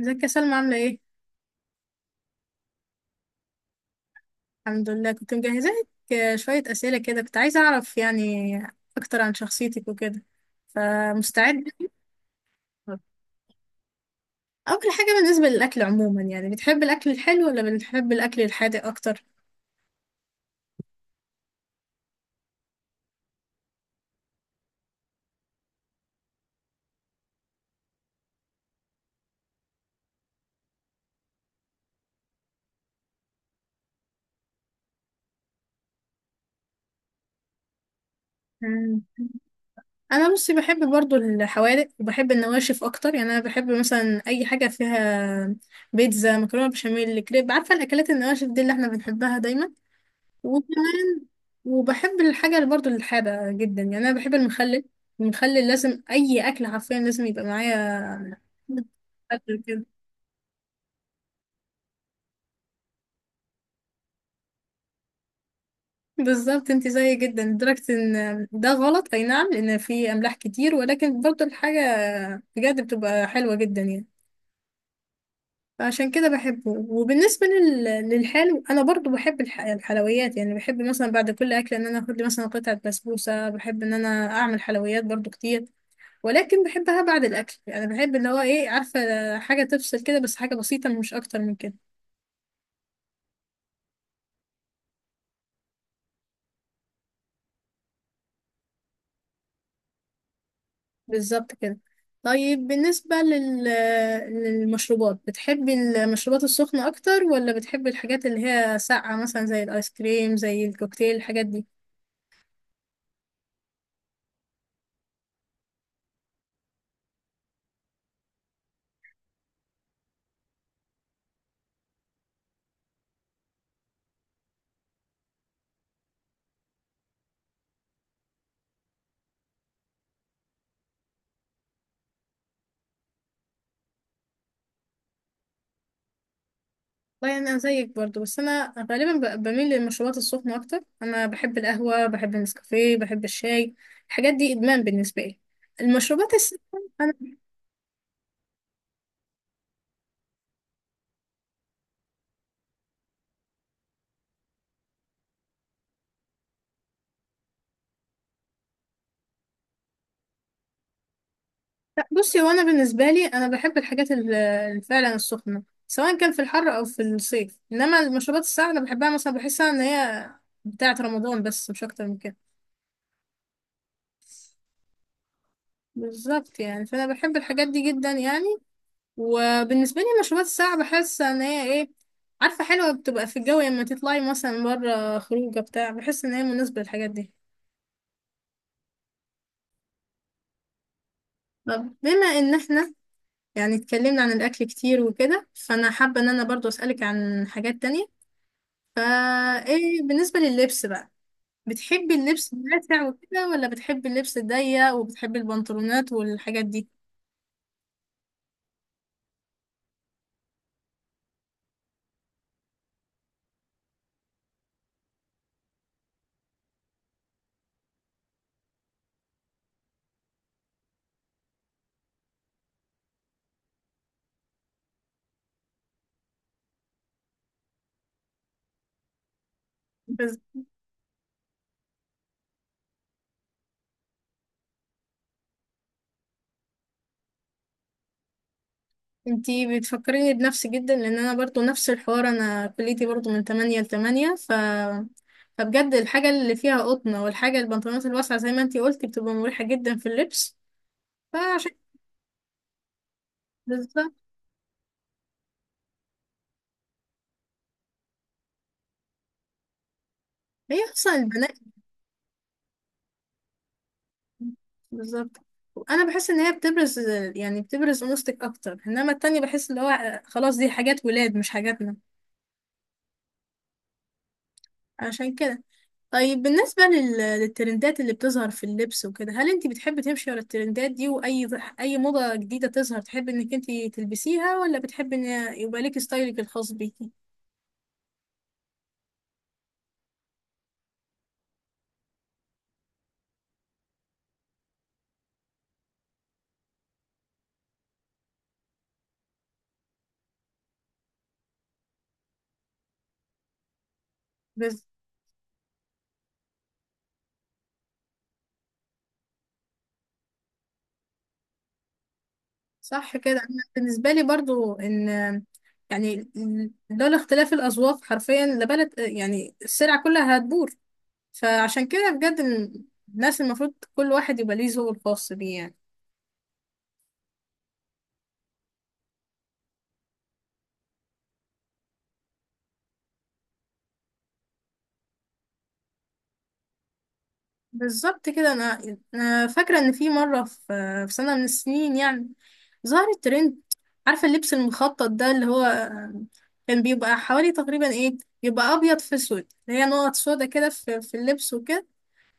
ازيك يا سلمى؟ عاملة ايه؟ الحمد لله، كنت مجهزة لك شوية أسئلة كده، كنت عايزة أعرف يعني أكتر عن شخصيتك وكده. فمستعد؟ أول حاجة، بالنسبة للأكل عموما، يعني بتحب الأكل الحلو ولا بتحب الأكل الحادق أكتر؟ مم. أنا بصي بحب برضو الحوادق وبحب النواشف أكتر، يعني أنا بحب مثلا أي حاجة فيها بيتزا، مكرونة بشاميل، كريب، عارفة الأكلات النواشف دي اللي احنا بنحبها دايما. وكمان وبحب الحاجة اللي برضه الحادة جدا، يعني أنا بحب المخلل. المخلل لازم أي أكل حرفيا لازم يبقى معايا أكل كده. بالظبط، انت زيي جدا، لدرجة ان ده غلط، اي نعم، لان في املاح كتير، ولكن برضه الحاجة بجد بتبقى حلوة جدا يعني. فعشان كده بحبه. وبالنسبة للحلو، انا برضه بحب الحلويات، يعني بحب مثلا بعد كل اكل ان انا اخد لي مثلا قطعة بسبوسة، بحب ان انا اعمل حلويات برضه كتير، ولكن بحبها بعد الاكل، يعني بحب اللي هو ايه، عارفه، حاجه تفصل كده، بس حاجه بسيطه مش اكتر من كده. بالظبط كده. طيب بالنسبه للمشروبات، بتحبي المشروبات السخنه اكتر، ولا بتحبي الحاجات اللي هي ساقعه مثلا، زي الايس كريم، زي الكوكتيل، الحاجات دي؟ والله انا زيك برضو، بس انا غالبا بميل للمشروبات السخنه اكتر. انا بحب القهوه، بحب النسكافيه، بحب الشاي، الحاجات دي ادمان بالنسبه لي، المشروبات الساقعه. لا بصي، وانا بالنسبه لي انا بحب الحاجات فعلا السخنه، سواء كان في الحر او في الصيف، انما المشروبات الساقعه انا بحبها، مثلا بحسها ان هي بتاعه رمضان، بس مش اكتر من كده. بالظبط يعني. فانا بحب الحاجات دي جدا يعني، وبالنسبه لي المشروبات الساقعه بحس ان هي ايه، عارفه، حلوه بتبقى في الجو لما تطلعي مثلا بره خروجه بتاع، بحس ان هي مناسبه للحاجات دي. طب بما ان احنا يعني اتكلمنا عن الاكل كتير وكده، فانا حابه ان انا برضو اسالك عن حاجات تانية. فا ايه بالنسبة لللبس بقى؟ بتحبي اللبس الواسع وكده، ولا بتحبي اللبس الضيق وبتحبي البنطلونات والحاجات دي؟ بس انتي بتفكريني بنفسي جدا، لان انا برضو نفس الحوار، انا كليتي برضو من 8 ل 8. فبجد الحاجة اللي فيها قطنة، والحاجة البنطلونات الواسعة زي ما انتي قلتي بتبقى مريحة جدا في اللبس. فعشان بالظبط، هي اصلا البنات. بالظبط، انا بحس ان هي بتبرز، يعني بتبرز انوثتك اكتر، انما التانية بحس اللي هو خلاص دي حاجات ولاد مش حاجاتنا، عشان كده. طيب بالنسبة للترندات اللي بتظهر في اللبس وكده، هل انت بتحبي تمشي ورا الترندات دي، اي موضة جديدة تظهر تحبي انك انت تلبسيها، ولا بتحبي ان يبقى ليكي ستايلك الخاص بيكي؟ بس صح كده. أنا بالنسبة لي برضو ان يعني لولا اختلاف الأذواق حرفيا لبلد، يعني السلع كلها هتبور. فعشان كده بجد، الناس المفروض كل واحد يبقى ليه ذوقه الخاص بيه يعني. بالظبط كده. أنا فاكره ان في مره، في في سنه من السنين يعني، ظهر الترند، عارفه اللبس المخطط ده، اللي هو كان بيبقى حوالي تقريبا ايه، بيبقى ابيض في اسود، اللي هي نقط سودا كده في اللبس وكده.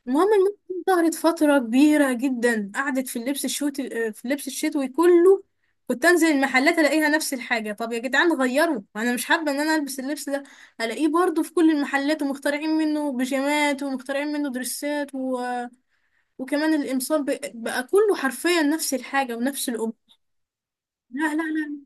المهم الموضة دي ظهرت فتره كبيره جدا، قعدت في اللبس الشوت، في اللبس الشتوي كله. كنت انزل المحلات الاقيها نفس الحاجه. طب يا جدعان غيروا، انا مش حابه ان انا البس اللبس ده. الاقيه برضو في كل المحلات، ومخترعين منه بيجامات، ومخترعين منه دريسات. وكمان الإمصار بقى كله حرفيا نفس الحاجة ونفس الأمور. لا.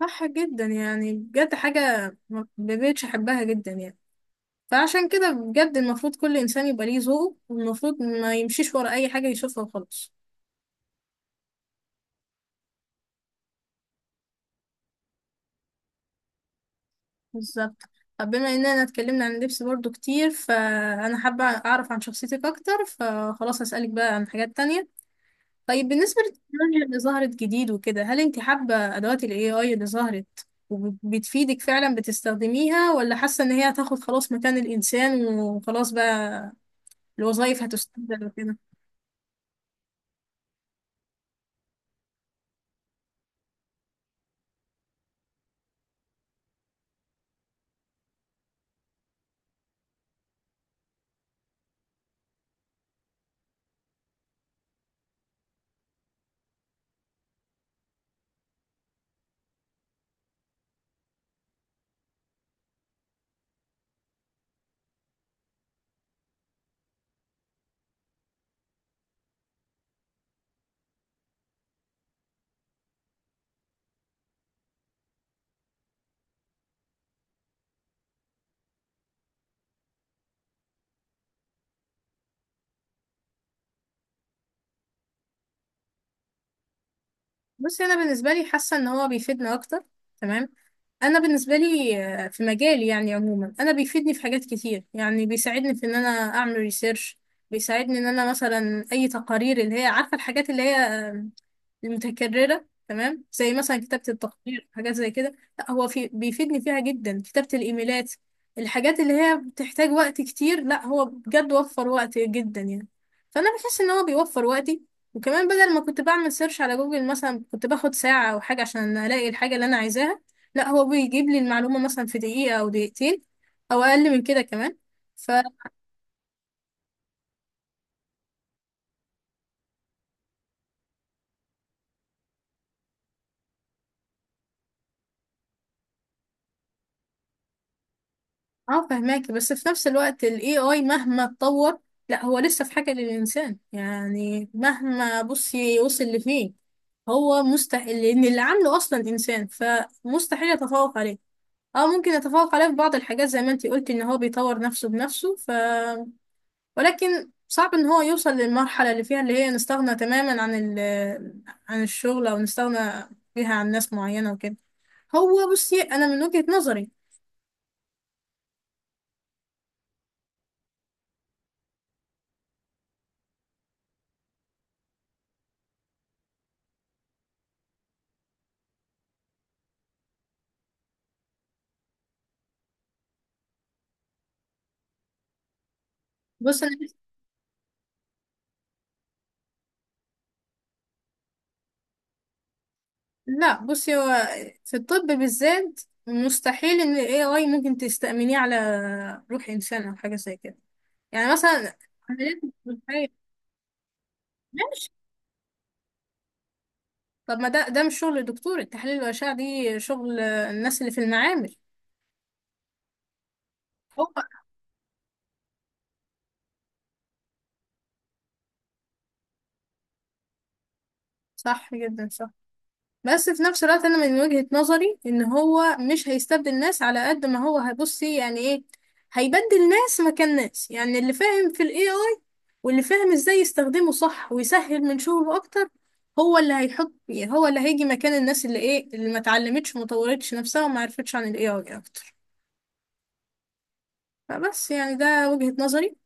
صح جدا يعني، بجد حاجة ما بقتش أحبها جدا يعني. فعشان كده بجد، المفروض كل إنسان يبقى ليه ذوق، والمفروض ما يمشيش ورا أي حاجة يشوفها وخلاص. بالظبط. طب بما إننا اتكلمنا عن اللبس برضو كتير، فأنا حابة أعرف عن شخصيتك أكتر، فخلاص هسألك بقى عن حاجات تانية. طيب بالنسبة للتكنولوجيا اللي ظهرت جديد وكده، هل انت حابة أدوات ال AI اللي ظهرت وبتفيدك فعلا بتستخدميها، ولا حاسة ان هي هتاخد خلاص مكان الإنسان، وخلاص بقى الوظائف هتستبدل وكده؟ بصي، أنا بالنسبة لي حاسة ان هو بيفيدنا أكتر، تمام. أنا بالنسبة لي في مجالي يعني عموما، أنا بيفيدني في حاجات كتير، يعني بيساعدني في ان أنا أعمل ريسيرش، بيساعدني ان انا مثلا اي تقارير، اللي هي عارفه الحاجات اللي هي متكررة، تمام، زي مثلا كتابة التقرير، حاجات زي كده. لا هو في بيفيدني فيها جدا، كتابة الإيميلات، الحاجات اللي هي بتحتاج وقت كتير، لا هو بجد وفر وقت جدا يعني. فأنا بحس إن هو بيوفر وقتي. وكمان بدل ما كنت بعمل سيرش على جوجل مثلا، كنت باخد ساعة أو حاجة عشان ألاقي الحاجة اللي أنا عايزاها، لا هو بيجيب لي المعلومة مثلا في دقيقة أو دقيقتين، أو أقل من كده كمان. اه فهماكي، بس في نفس الوقت ال AI مهما اتطور، لا هو لسه في حاجة للإنسان، يعني مهما بصي وصل لفين، هو مستحيل، لأن اللي عامله أصلا إنسان، فمستحيل يتفوق عليه. اه ممكن يتفوق عليه في بعض الحاجات زي ما انتي قلتي، ان هو بيطور نفسه بنفسه، ولكن صعب ان هو يوصل للمرحلة اللي فيها اللي هي نستغنى تماما عن عن الشغل، او نستغنى فيها عن ناس معينة وكده. هو بصي، انا من وجهة نظري. بص. لا بصي، هو في الطب بالذات مستحيل ان ال AI ممكن تستأمنيه على روح انسان او حاجه زي كده. يعني مثلا عمليات الجراحية. ماشي. طب ما ده، ده مش شغل دكتور. التحاليل والاشعه دي شغل الناس اللي في المعامل. هو صح جدا، صح. بس في نفس الوقت انا من وجهة نظري ان هو مش هيستبدل ناس على قد ما هو هيبصي يعني ايه، هيبدل ناس مكان ناس، يعني اللي فاهم في الاي اي واللي فاهم ازاي يستخدمه صح ويسهل من شغله اكتر، هو اللي هيحط، يعني هو اللي هيجي مكان الناس اللي ايه اللي ما اتعلمتش وما طورتش نفسها وما عرفتش عن الاي اي اكتر. فبس يعني ده وجهة نظري.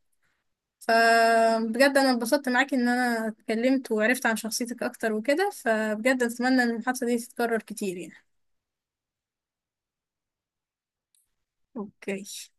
فبجد انا اتبسطت معاكي ان انا اتكلمت وعرفت عن شخصيتك اكتر وكده، فبجد اتمنى ان المحادثة دي تتكرر كتير يعني. اوكي.